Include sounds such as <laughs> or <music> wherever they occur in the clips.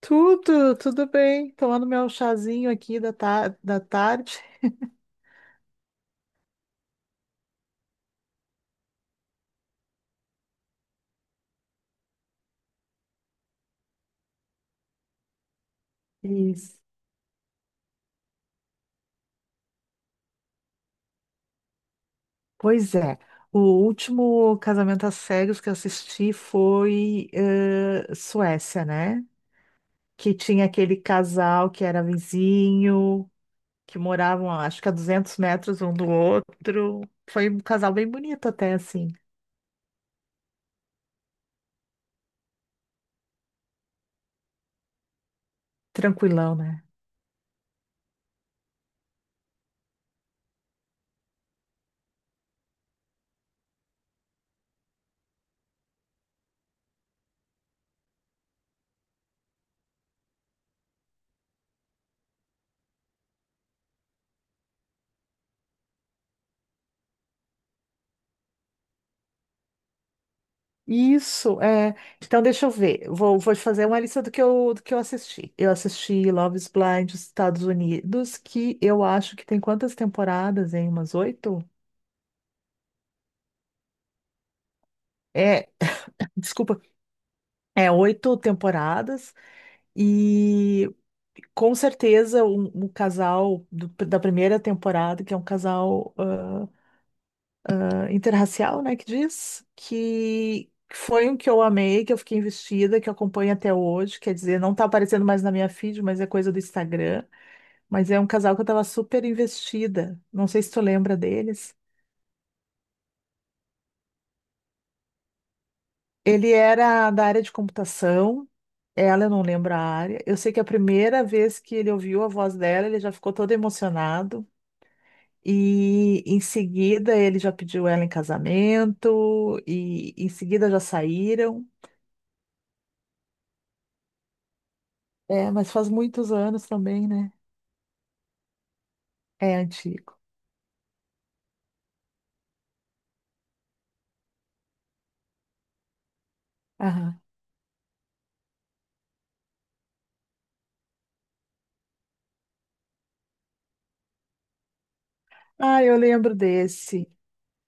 Tudo, tudo bem. Tomando meu chazinho aqui da tarde. Isso. Pois é, o último casamento às cegas que eu assisti foi Suécia, né? Que tinha aquele casal que era vizinho, que moravam, acho que a 200 metros um do outro. Foi um casal bem bonito até, assim, tranquilão, né? Isso, é. Então, deixa eu ver. Vou te fazer uma lista do que eu assisti. Eu assisti Love is Blind dos Estados Unidos, que eu acho que tem quantas temporadas, hein? Umas oito? É, desculpa, é oito temporadas. E com certeza o um casal da primeira temporada, que é um casal interracial, né, que diz, que foi um que eu amei, que eu fiquei investida, que eu acompanho até hoje, quer dizer, não tá aparecendo mais na minha feed, mas é coisa do Instagram, mas é um casal que eu tava super investida, não sei se tu lembra deles. Ele era da área de computação, ela eu não lembro a área, eu sei que a primeira vez que ele ouviu a voz dela, ele já ficou todo emocionado, e em seguida ele já pediu ela em casamento, e em seguida já saíram. É, mas faz muitos anos também, né? É antigo. Aham. Ah, eu lembro desse.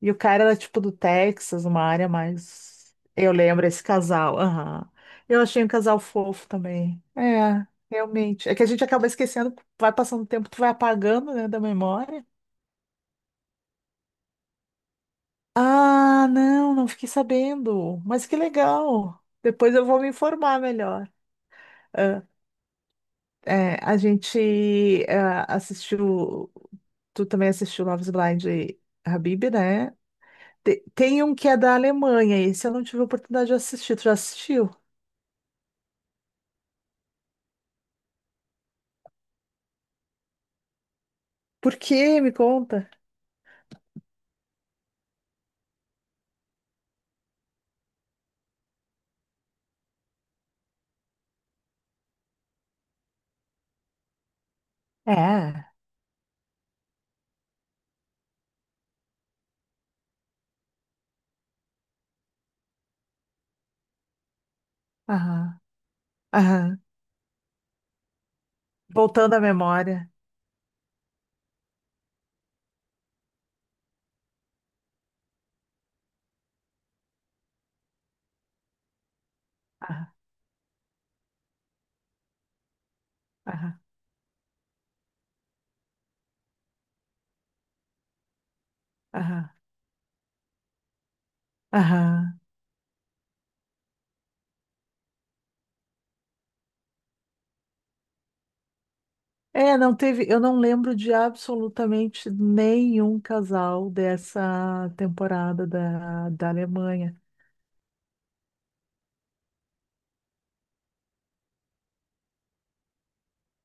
E o cara era tipo do Texas, uma área mais. Eu lembro esse casal. Aham. Eu achei um casal fofo também. É, realmente. É que a gente acaba esquecendo, vai passando o tempo, tu vai apagando, né, da memória. Ah, não, não fiquei sabendo. Mas que legal. Depois eu vou me informar melhor. É, a gente assistiu. Tu também assistiu Love is Blind Habib, né? Tem um que é da Alemanha, esse eu não tive a oportunidade de assistir. Tu já assistiu? Por quê? Me conta. É. Aham. Aham. Voltando à memória. Aham. Aham. Aham. Aham. É, não teve. Eu não lembro de absolutamente nenhum casal dessa temporada da Alemanha.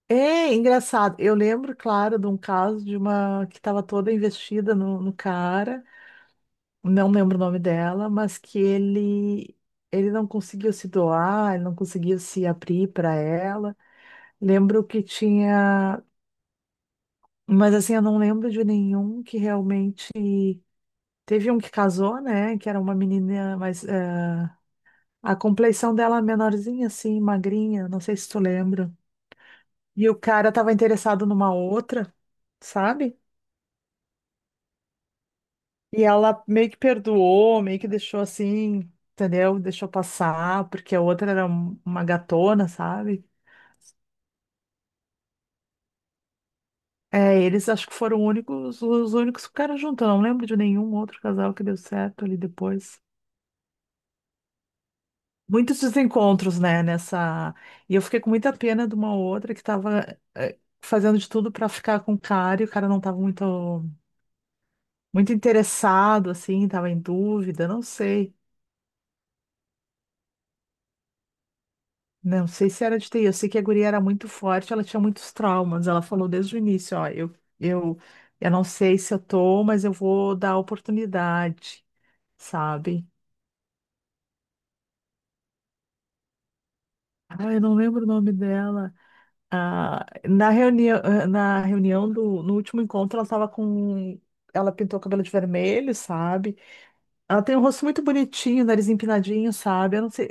É engraçado. Eu lembro, claro, de um caso de uma que estava toda investida no cara, não lembro o nome dela, mas que ele não conseguiu se doar, ele não conseguiu se abrir para ela. Lembro que tinha, mas assim, eu não lembro de nenhum que realmente teve um que casou, né? Que era uma menina, mas a complexão dela é menorzinha, assim, magrinha, não sei se tu lembra. E o cara estava interessado numa outra, sabe? E ela meio que perdoou, meio que deixou assim, entendeu? Deixou passar, porque a outra era uma gatona, sabe? É, eles acho que foram únicos, os únicos que ficaram juntos. Eu não lembro de nenhum outro casal que deu certo ali depois. Muitos desencontros, né, nessa. E eu fiquei com muita pena de uma outra que tava fazendo de tudo pra ficar com o cara e o cara não tava muito, muito interessado, assim, tava em dúvida, não sei. Não sei se era de TI, eu sei que a guria era muito forte, ela tinha muitos traumas. Ela falou desde o início, ó, eu, eu não sei se eu tô, mas eu vou dar oportunidade, sabe? Ah, eu não lembro o nome dela. Ah, na reunião do, no último encontro, ela pintou o cabelo de vermelho, sabe? Ela tem um rosto muito bonitinho, nariz empinadinho, sabe? Eu não sei,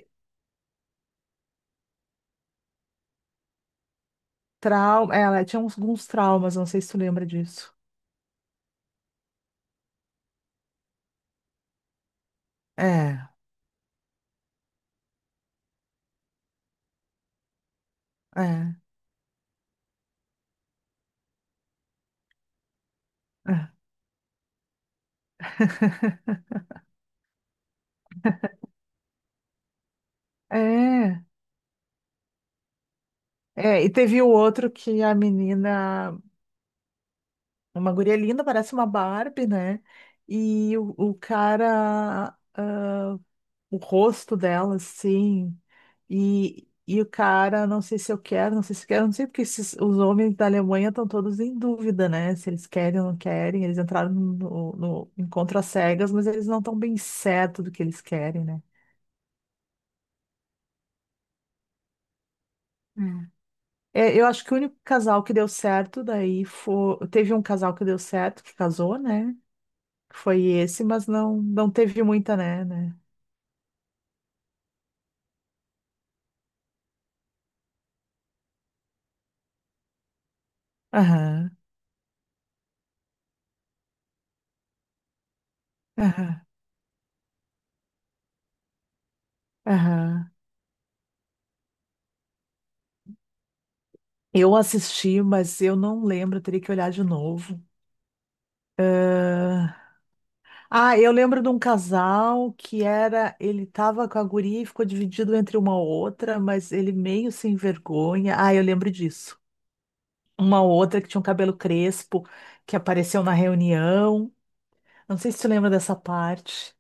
trauma, ela tinha uns, alguns traumas, não sei se tu lembra disso. É, é, é. <laughs> É, é, e teve o outro que a menina, uma guria linda, parece uma Barbie, né? E o cara, ah, o rosto dela, assim, e o cara, não sei se eu quero, não sei se quero, não sei porque esses, os homens da Alemanha estão todos em dúvida, né? Se eles querem ou não querem, eles entraram no encontro às cegas, mas eles não estão bem certo do que eles querem, né? É, eu acho que o único casal que deu certo daí foi. Teve um casal que deu certo, que casou, né? Que foi esse, mas não, não teve muita, né? né? Aham, aham, aham. Eu assisti, mas eu não lembro, eu teria que olhar de novo. Ah, ah, eu lembro de um casal que era. Ele tava com a guria e ficou dividido entre uma outra, mas ele meio sem vergonha. Ah, eu lembro disso. Uma outra que tinha um cabelo crespo, que apareceu na reunião. Não sei se tu lembra dessa parte.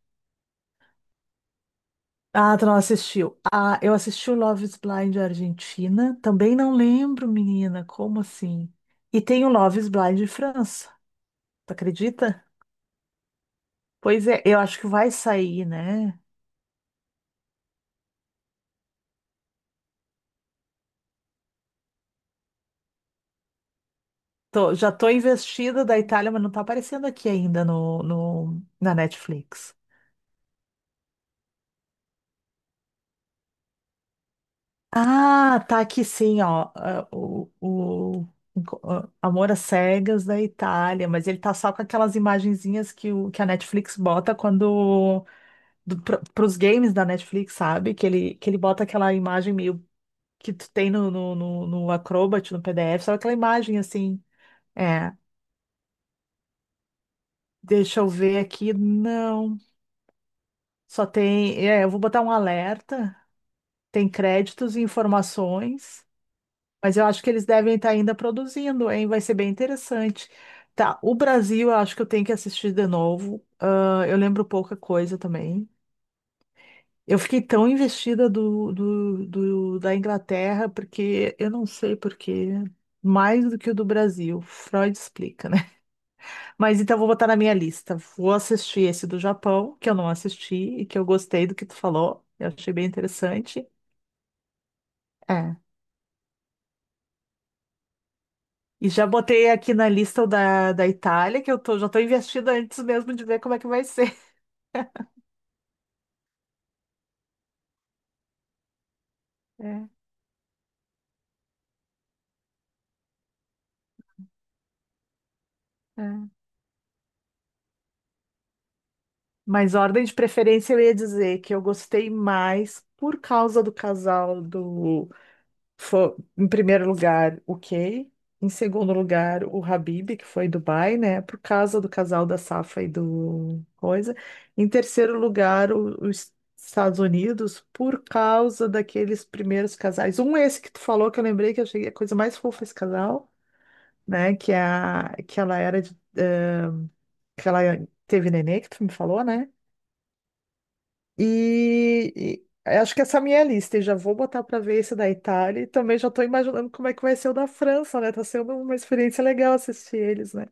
Ah, tu não assistiu. Ah, eu assisti o Love is Blind Argentina. Também não lembro, menina. Como assim? E tem o Love is Blind França. Tu acredita? Pois é, eu acho que vai sair, né? Já tô investida da Itália, mas não tá aparecendo aqui ainda no, na Netflix. Ah, tá aqui sim, ó. Amor às Cegas da Itália, mas ele tá só com aquelas imagenzinhas que, o, que a Netflix bota quando para os games da Netflix, sabe? Que ele bota aquela imagem meio que tu tem no Acrobat, no PDF, só aquela imagem assim. É, deixa eu ver aqui. Não, só tem. É, eu vou botar um alerta. Tem créditos e informações, mas eu acho que eles devem estar ainda produzindo, hein? Vai ser bem interessante. Tá, o Brasil, eu acho que eu tenho que assistir de novo. Ah, eu lembro pouca coisa também. Eu fiquei tão investida da Inglaterra, porque eu não sei porquê, mais do que o do Brasil. Freud explica, né? <laughs> Mas então vou botar na minha lista. Vou assistir esse do Japão, que eu não assisti e que eu gostei do que tu falou. Eu achei bem interessante. É. E já botei aqui na lista o da Itália, que já tô investida antes mesmo de ver como é que vai ser. <laughs> É, é. Mas ordem de preferência eu ia dizer que eu gostei mais por causa do casal do. Foi, em primeiro lugar, o Kay. Em segundo lugar, o Habib, que foi Dubai, né? Por causa do casal da Safa e do coisa. Em terceiro lugar, os Estados Unidos, por causa daqueles primeiros casais. Um esse que tu falou, que eu lembrei que eu achei a coisa mais fofa esse casal, né? Que, é a, que ela era de, que ela teve nenê, que tu me falou, né? E acho que essa é a minha lista, e já vou botar para ver esse da Itália e também já estou imaginando como é que vai ser o da França, né? Tá sendo uma experiência legal assistir eles, né?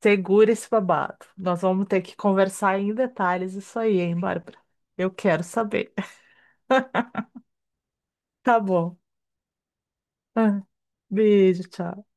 Segura esse babado. Nós vamos ter que conversar em detalhes isso aí, hein, Bárbara? Eu quero saber. <laughs> Tá bom. Ah, beijo, tchau.